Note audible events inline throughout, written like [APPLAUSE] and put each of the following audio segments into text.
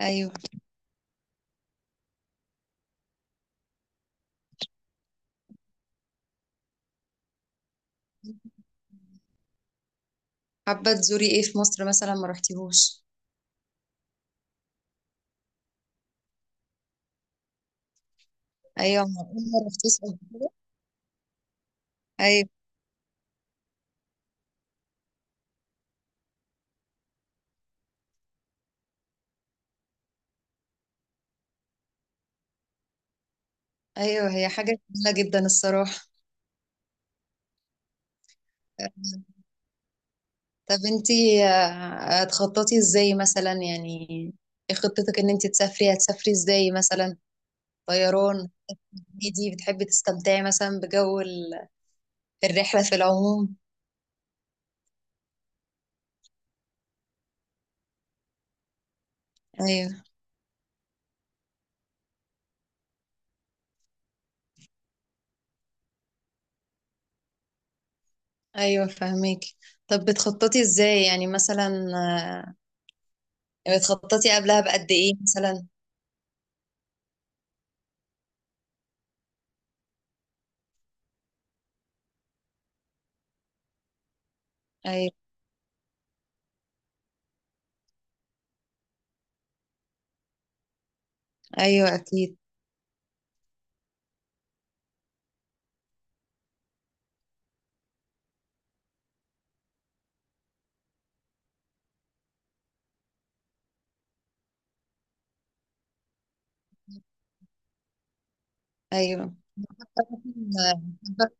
ايوه. حابه تزوري ايه في مصر مثلا ما رحتيهوش؟ ايوه، معقول ما رحتيش؟ ايوه، ايوه، هي حاجه جميله جدا الصراحه. طب انتي هتخططي ازاي مثلا يعني؟ ايه خطتك، ان انتي تسافري هتسافري ازاي مثلا؟ طيران دي بتحبي تستمتعي مثلا بجو الرحله في العموم؟ ايوه، ايوه فهميكي. طب بتخططي ازاي يعني مثلا؟ بتخططي قبلها بقد ايه مثلا؟ ايوه، ايوه اكيد. ايوه. حابة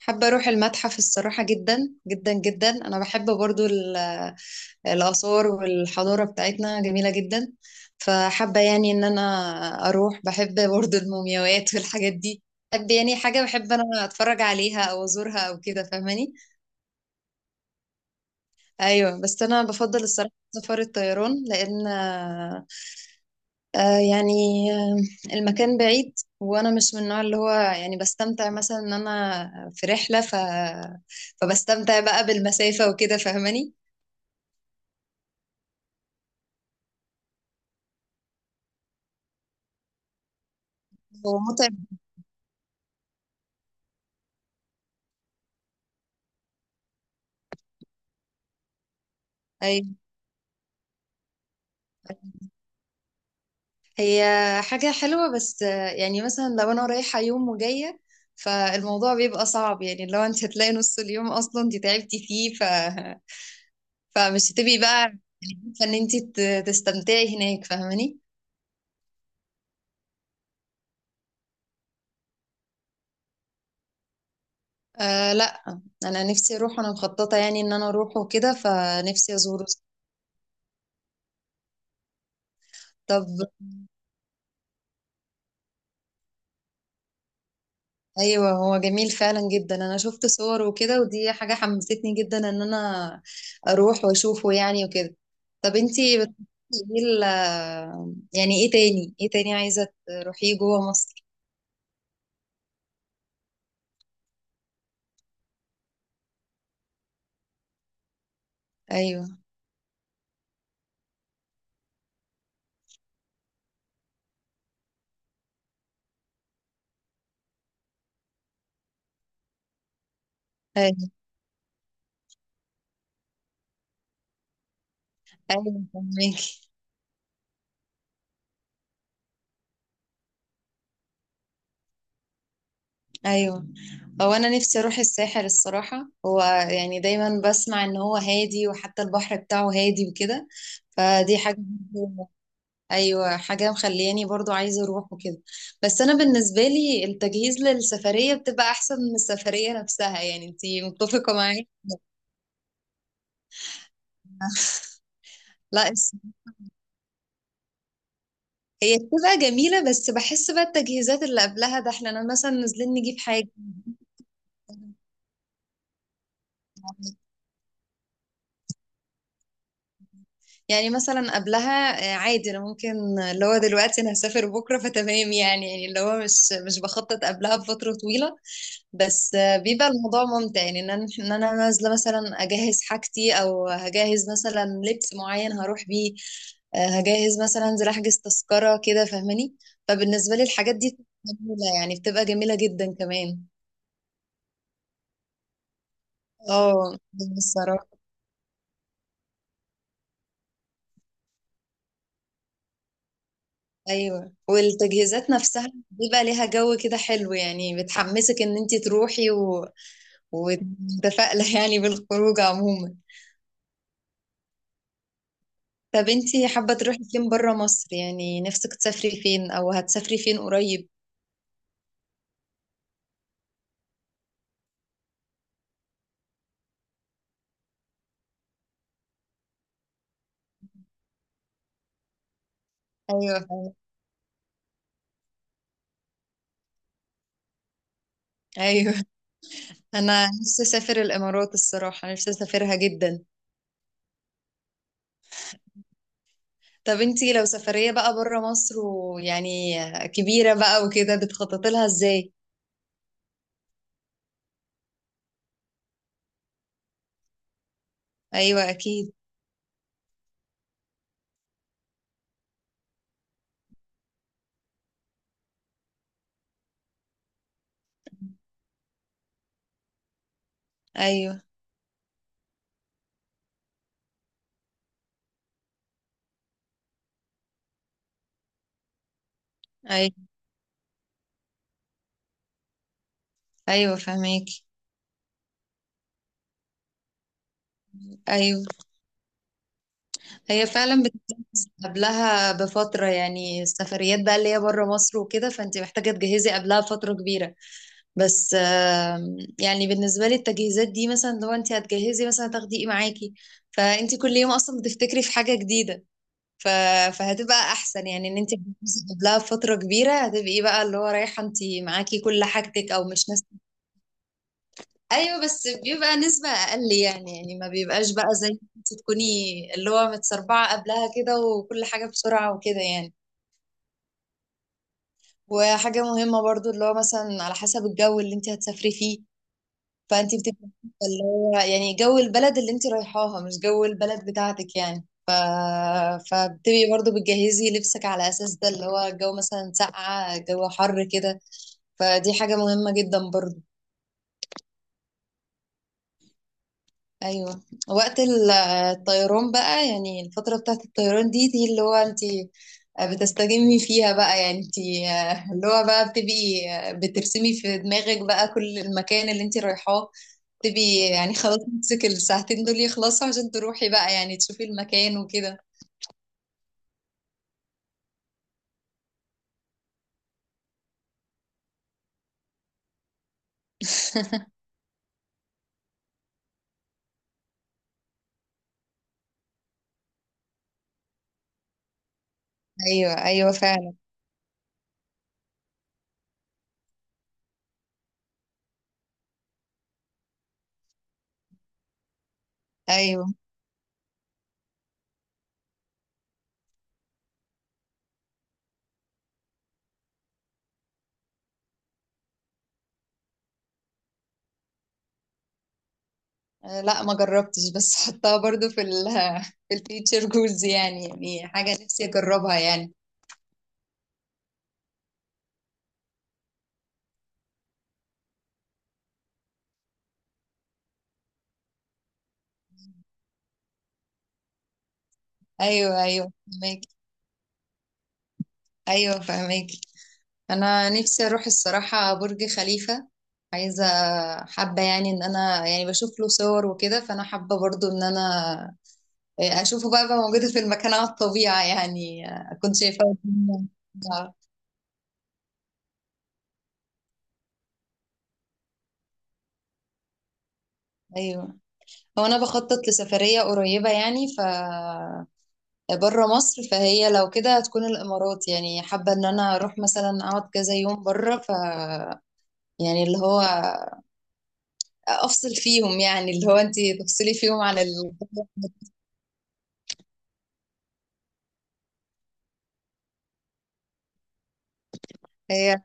حابة أروح المتحف الصراحة، جدا جدا جدا. أنا بحب برضو الآثار، والحضارة بتاعتنا جميلة جدا. فحابة يعني إن أنا أروح. بحب برضو المومياوات والحاجات دي، بحب يعني حاجة بحب أنا أتفرج عليها أو أزورها أو كده، فاهماني؟ أيوة، بس أنا بفضل الصراحة سفر الطيران لأن آه يعني آه المكان بعيد، وانا مش من النوع اللي هو يعني بستمتع مثلا ان انا في رحلة فبستمتع بقى بالمسافة وكده، فاهماني؟ هو متعب. ايوه، هي حاجة حلوة، بس يعني مثلا لو انا رايحة يوم وجاية فالموضوع بيبقى صعب، يعني لو انت هتلاقي نص اليوم اصلا انت تعبتي فيه فمش هتبقي بقى يعني عارفة ان انت تستمتعي هناك، فاهماني؟ آه لا. انا نفسي اروح، انا مخططه يعني ان انا اروح وكده، فنفسي ازوره. طب ايوه، هو جميل فعلا جدا. انا شفت صور وكده، ودي حاجه حمستني جدا ان انا اروح واشوفه يعني وكده. طب انتي بتحبي ايه يعني ايه تاني، ايه تاني عايزه تروحيه جوه مصر؟ ايوه. ايوه. ايوه فهماكي. ايوه. هو انا نفسي اروح الساحل الصراحه. هو يعني دايما بسمع ان هو هادي، وحتى البحر بتاعه هادي وكده. فدي حاجه برضو- ايوه، حاجه مخلياني برضو عايزه اروح وكده. بس انا بالنسبه لي التجهيز للسفريه بتبقى احسن من السفريه نفسها، يعني انتي متفقه معايا؟ لا هي بتبقى جميله، بس بحس بقى التجهيزات اللي قبلها ده، احنا أنا مثلا نازلين نجيب حاجه. يعني مثلا قبلها عادي انا ممكن، اللي هو دلوقتي انا هسافر بكره فتمام يعني، يعني اللي هو مش بخطط قبلها بفتره طويله. بس بيبقى الموضوع ممتع، يعني ان انا إن أنا نازله مثلا اجهز حاجتي، او هجهز مثلا لبس معين هروح بيه، هجهز مثلا انزل احجز تذكره كده، فاهماني؟ فبالنسبه لي الحاجات دي جميله، يعني بتبقى جميله جدا كمان. اه الصراحه. ايوه، والتجهيزات نفسها بيبقى ليها جو كده حلو، يعني بتحمسك ان انت تروحي ومتفائله [LAUGHS] يعني بالخروج عموما. طب انت حابه تروحي فين بره مصر، يعني نفسك تسافري فين، او هتسافري فين قريب؟ ايوه فعلا. ايوه. انا نفسي اسافر الامارات الصراحه، نفسي اسافرها جدا. طب انت لو سفريه بقى بره مصر، ويعني كبيره بقى وكده، بتخططي لها ازاي؟ ايوه اكيد. ايوه، ايوه، ايوه فهميك. ايوه، هي فعلا بتتجهز قبلها بفترة، يعني السفريات بقى اللي هي بره مصر وكده، فانت محتاجة تجهزي قبلها فترة كبيرة. بس يعني بالنسبة لي التجهيزات دي مثلا لو انت هتجهزي مثلا تاخدي ايه معاكي، فانت كل يوم اصلا بتفتكري في حاجة جديدة، ف... فهتبقى احسن يعني ان انت تجهزي قبلها بفترة كبيرة، هتبقي بقى اللي هو رايحة انت معاكي كل حاجتك او مش ناس. ايوه، بس بيبقى نسبة اقل يعني، يعني ما بيبقاش بقى زي انت تكوني اللي هو متسربعة قبلها كده، وكل حاجة بسرعة وكده يعني. وحاجة مهمة برضو اللي هو مثلا على حسب الجو اللي انت هتسافري فيه. فانت بتبقى عارفة اللي هو يعني جو البلد اللي انت رايحاها مش جو البلد بتاعتك، يعني فبتبقي برضو بتجهزي لبسك على اساس ده، اللي هو الجو مثلا ساقعة، جو حر، كده. فدي حاجة مهمة جدا برضو. ايوه. وقت الطيران بقى، يعني الفترة بتاعت الطيران دي، اللي هو انت بتستجمي فيها بقى، يعني انت اللي هو بقى بتبقي بترسمي في دماغك بقى كل المكان اللي انت رايحاه، بتبقي يعني خلاص نفسك الساعتين دول يخلصوا عشان تروحي بقى يعني تشوفي المكان وكده. [LAUGHS] ايوه، ايوه فعلا. ايوه. لا ما جربتش، بس حطها برضو في في الفيتشر جولز يعني، يعني حاجة نفسي اجربها يعني. ايوه، ايوه فهماكي. ايوه فهماكي. انا نفسي اروح الصراحه برج خليفه. عايزه، حابه يعني ان انا يعني بشوف له صور وكده، فانا حابه برضو ان انا اشوفه بقى، بقى موجوده في المكان على الطبيعه يعني. كنت شايفاه [LAUGHS] قدامي. آه، ايوه. هو انا بخطط لسفريه قريبه يعني ف بره مصر، فهي لو كده هتكون الامارات، يعني حابه ان انا اروح مثلا اقعد كذا يوم بره، ف يعني اللي هو افصل فيهم، يعني اللي هو انت تفصلي فيهم عن الجو. هي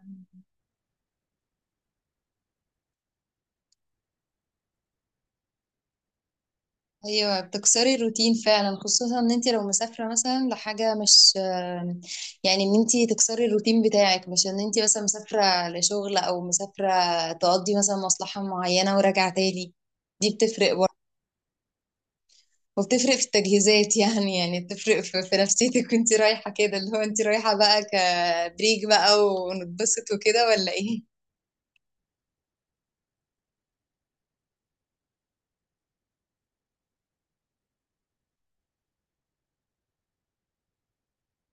ايوه، بتكسري الروتين فعلا، خصوصا ان انت لو مسافره مثلا لحاجه مش، يعني ان انت تكسري الروتين بتاعك، مش ان انت مثلا مسافره لشغل او مسافره تقضي مثلا مصلحه معينه وراجعه تاني. دي بتفرق برضه، وبتفرق في التجهيزات [LAUGHS] يعني، يعني بتفرق في نفسيتك وانت رايحه كده، اللي هو انت رايحه بقى كبريك بقى ونتبسط وكده ولا ايه؟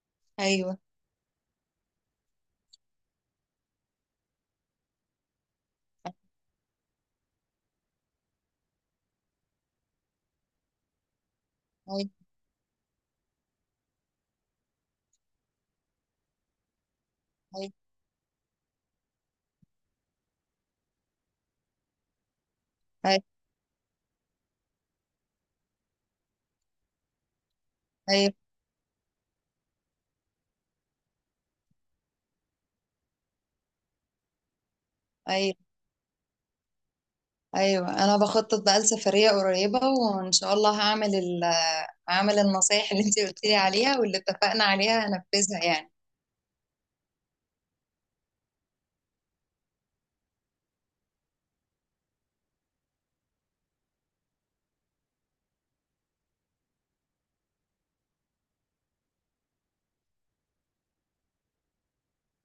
[LAUGHS] ايوه، ايوه، ايوه، ايوه، أيوة. ايوه انا بخطط بقى لسفريه قريبه، وان شاء الله هعمل هعمل النصايح اللي انت قلت لي عليها، واللي اتفقنا عليها هنفذها يعني.